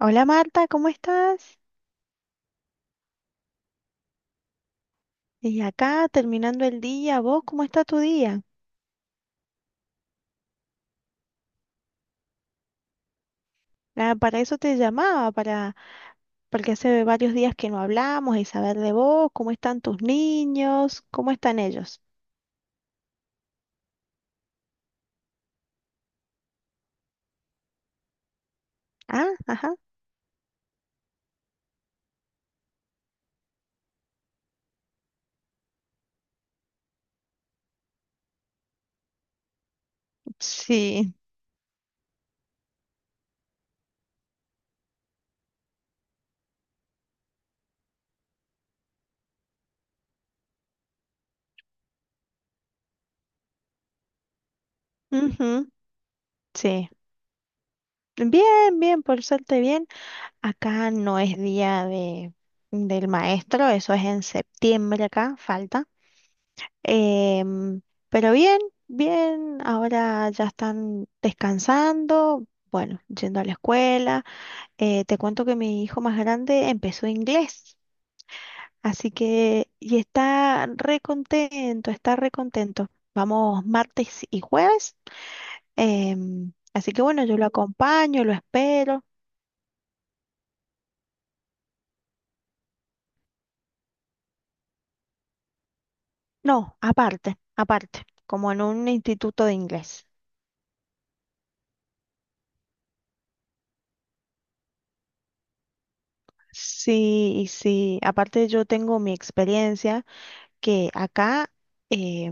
Hola Marta, ¿cómo estás? Y acá terminando el día, ¿vos cómo está tu día? Ah, para eso te llamaba, porque hace varios días que no hablamos y saber de vos, cómo están tus niños, cómo están ellos. Ah, ajá, sí, ujú, sí. Bien, bien, por suerte bien. Acá no es día del maestro, eso es en septiembre acá, falta. Em, pero bien, bien, ahora ya están descansando, bueno, yendo a la escuela. Te cuento que mi hijo más grande empezó inglés, así que y está re contento, está re contento. Vamos martes y jueves, así que bueno, yo lo acompaño, lo espero. No, aparte, aparte, como en un instituto de inglés. Sí, y sí, aparte yo tengo mi experiencia, que acá, eh,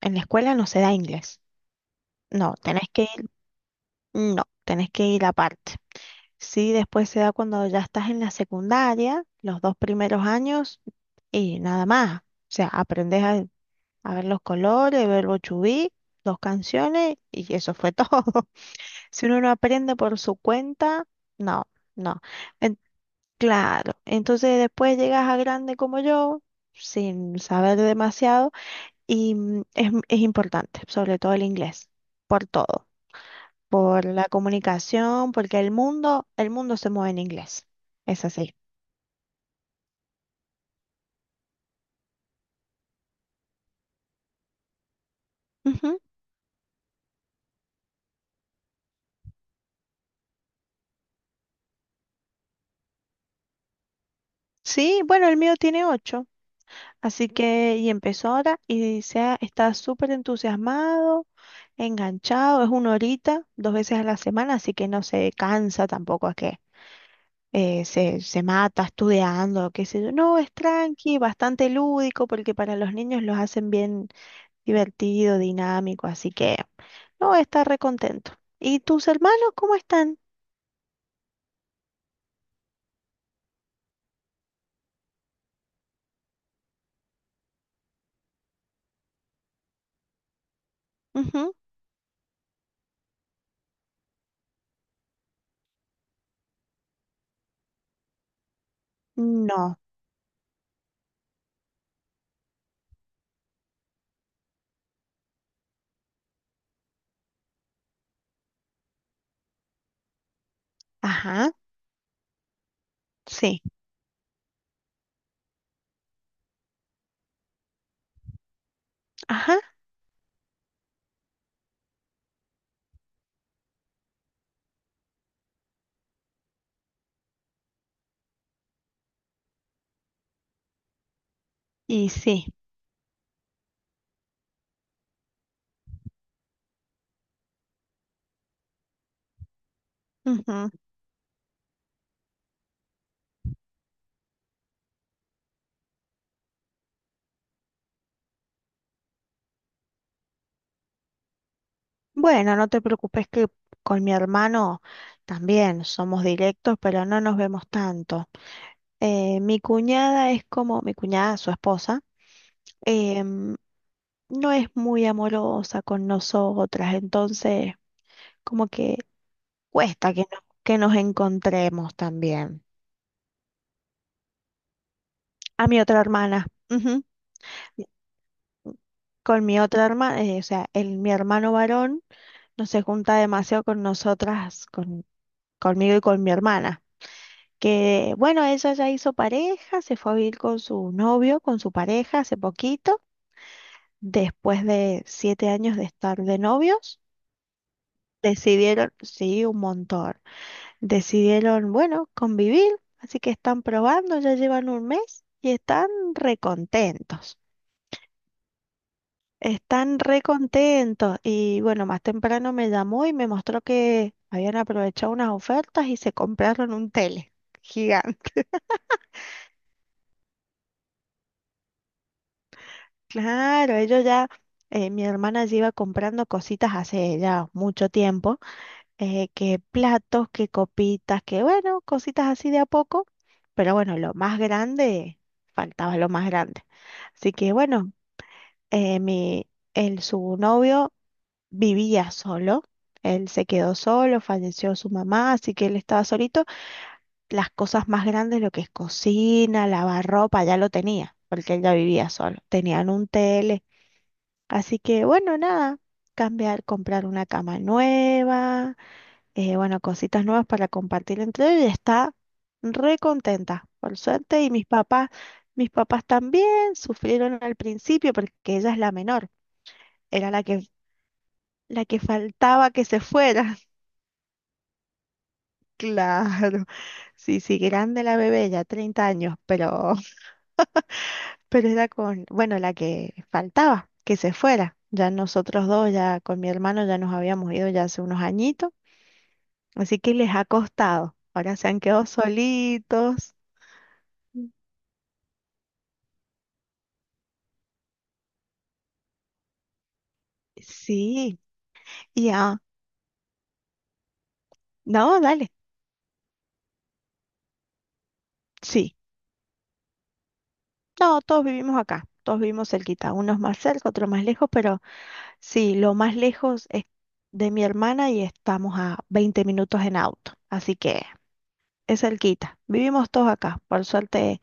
en la escuela no se da inglés. No, tenés que ir, no, tenés que ir aparte. Sí, después se da cuando ya estás en la secundaria, los dos primeros años y nada más. O sea, aprendes a ver los colores, verbo to be, dos canciones y eso fue todo. Si uno no aprende por su cuenta, no, no. En- claro, entonces después llegas a grande como yo, sin saber demasiado. Y es importante, sobre todo el inglés, por todo, por la comunicación, porque el mundo se mueve en inglés. Es así. Ujú. Sí, bueno, el mío tiene 8, así que y empezó ahora y está súper entusiasmado, enganchado, es una horita, dos veces a la semana, así que no se cansa tampoco, es que se mata estudiando, qué sé yo. No, es tranqui, bastante lúdico, porque para los niños los hacen bien divertido, dinámico, así que no voy a estar recontento. ¿Y tus hermanos cómo están? Ujú, no, ajá, sí, ajá, y sí. Ujú. Bueno, no te preocupes que con mi hermano también somos directos, pero no nos vemos tanto. Mi cuñada es como mi cuñada, su esposa. em, no es muy amorosa con nosotras, entonces como que cuesta que, que nos encontremos también. A mi otra hermana, ujú, con mi otra hermana. O sea, mi hermano varón no se junta demasiado con nosotras, con, conmigo y con mi hermana. Que bueno, ella ya hizo pareja, se fue a vivir con su novio, con su pareja hace poquito, después de 7 años de estar de novios, decidieron, sí, un montón. Decidieron, bueno, convivir, así que están probando, ya llevan un mes y están recontentos. Están recontentos y bueno, más temprano me llamó y me mostró que habían aprovechado unas ofertas y se compraron un tele gigante. Claro, ellos ya, mi hermana ya iba comprando cositas hace ya mucho tiempo, que platos, que copitas, que bueno, cositas así de a poco, pero bueno, lo más grande, faltaba lo más grande. Así que bueno, eh, mi, su novio vivía solo, él se quedó solo, falleció su mamá, así que él estaba solito. Las cosas más grandes, lo que es cocina, lavar ropa, ya lo tenía, porque él ya vivía solo, tenían un tele, así que bueno, nada, cambiar, comprar una cama nueva, bueno, cositas nuevas para compartir entre ellos y está re contenta, por suerte. Y mis papás también sufrieron al principio porque ella es la menor, era la que faltaba que se fuera. Claro, sí, sí, grande la bebé, ya 30 años, pero pero era con, bueno, la que faltaba que se fuera. Ya nosotros dos, ya con mi hermano, ya nos habíamos ido ya hace unos añitos, así que les ha costado. Ahora se han quedado solitos. Sí, ya. No, dale. Sí. No, todos vivimos acá. Todos vivimos cerquita. Unos más cerca, otros más lejos, pero sí, lo más lejos es de mi hermana y estamos a 20 minutos en auto. Así que es cerquita. Vivimos todos acá. Por suerte,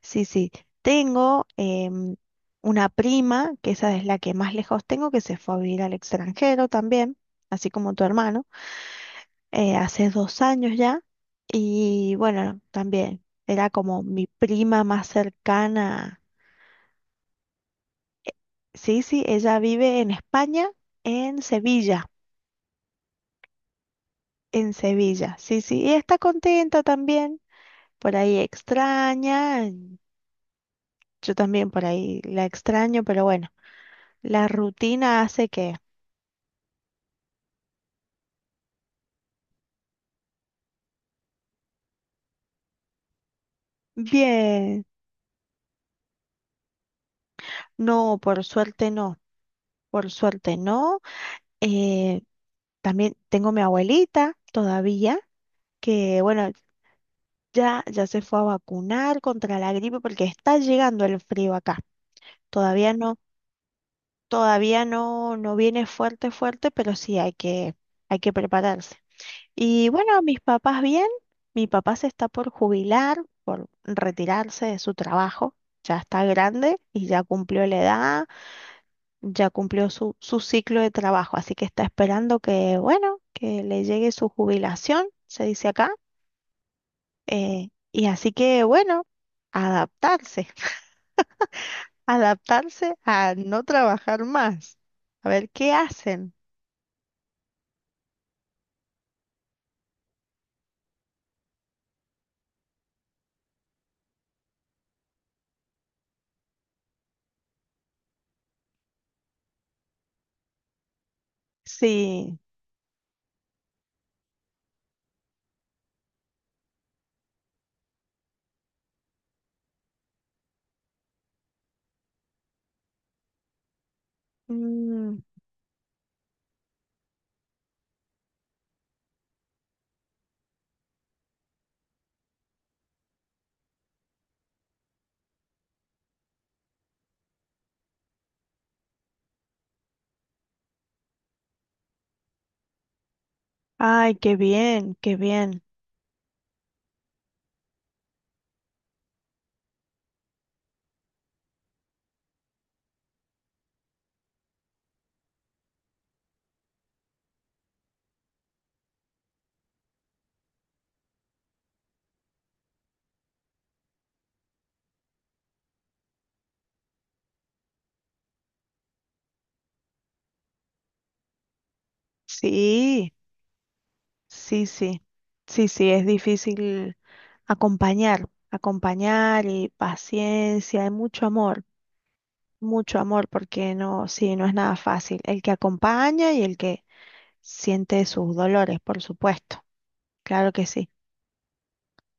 sí, sí. Tengo una prima, que esa es la que más lejos tengo, que se fue a vivir al extranjero también, así como tu hermano. Hace 2 años ya. Y bueno, también era como mi prima más cercana. Sí, sí, ella vive en España, en Sevilla, en Sevilla. Sí, sí, y está contenta también. Por ahí extraña, yo también por ahí la extraño, pero bueno, la rutina hace que... Bien, no, por suerte no, por suerte no. Eh, También tengo mi abuelita todavía, que bueno, ya, ya se fue a vacunar contra la gripe porque está llegando el frío acá. Todavía no, todavía no, no viene fuerte, fuerte, pero sí hay que prepararse. Y bueno, mis papás bien, mi papá se está por jubilar, por retirarse de su trabajo. Ya está grande y ya cumplió la edad, ya cumplió su, su ciclo de trabajo, así que está esperando que, bueno, que le llegue su jubilación, se dice acá. Y así que, bueno, adaptarse. Adaptarse a no trabajar más. A ver, ¿qué hacen? Sí. Mm, ay, qué bien, qué bien. Sí, sí, sí. Sí, sí, es difícil acompañar, acompañar y paciencia y mucho amor, porque no, sí, no es nada fácil. El que acompaña y el que siente sus dolores, por supuesto. Claro que sí.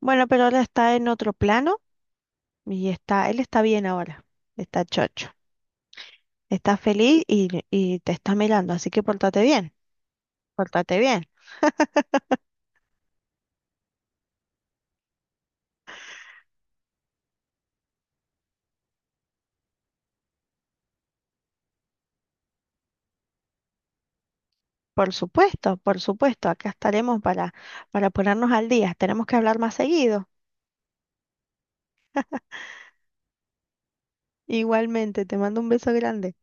Bueno, pero ahora está en otro plano y está, él está bien ahora, está chocho. Estás feliz y te está mirando, así que pórtate bien, pórtate bien. Por supuesto, acá estaremos para ponernos al día. Tenemos que hablar más seguido. Igualmente, te mando un beso grande.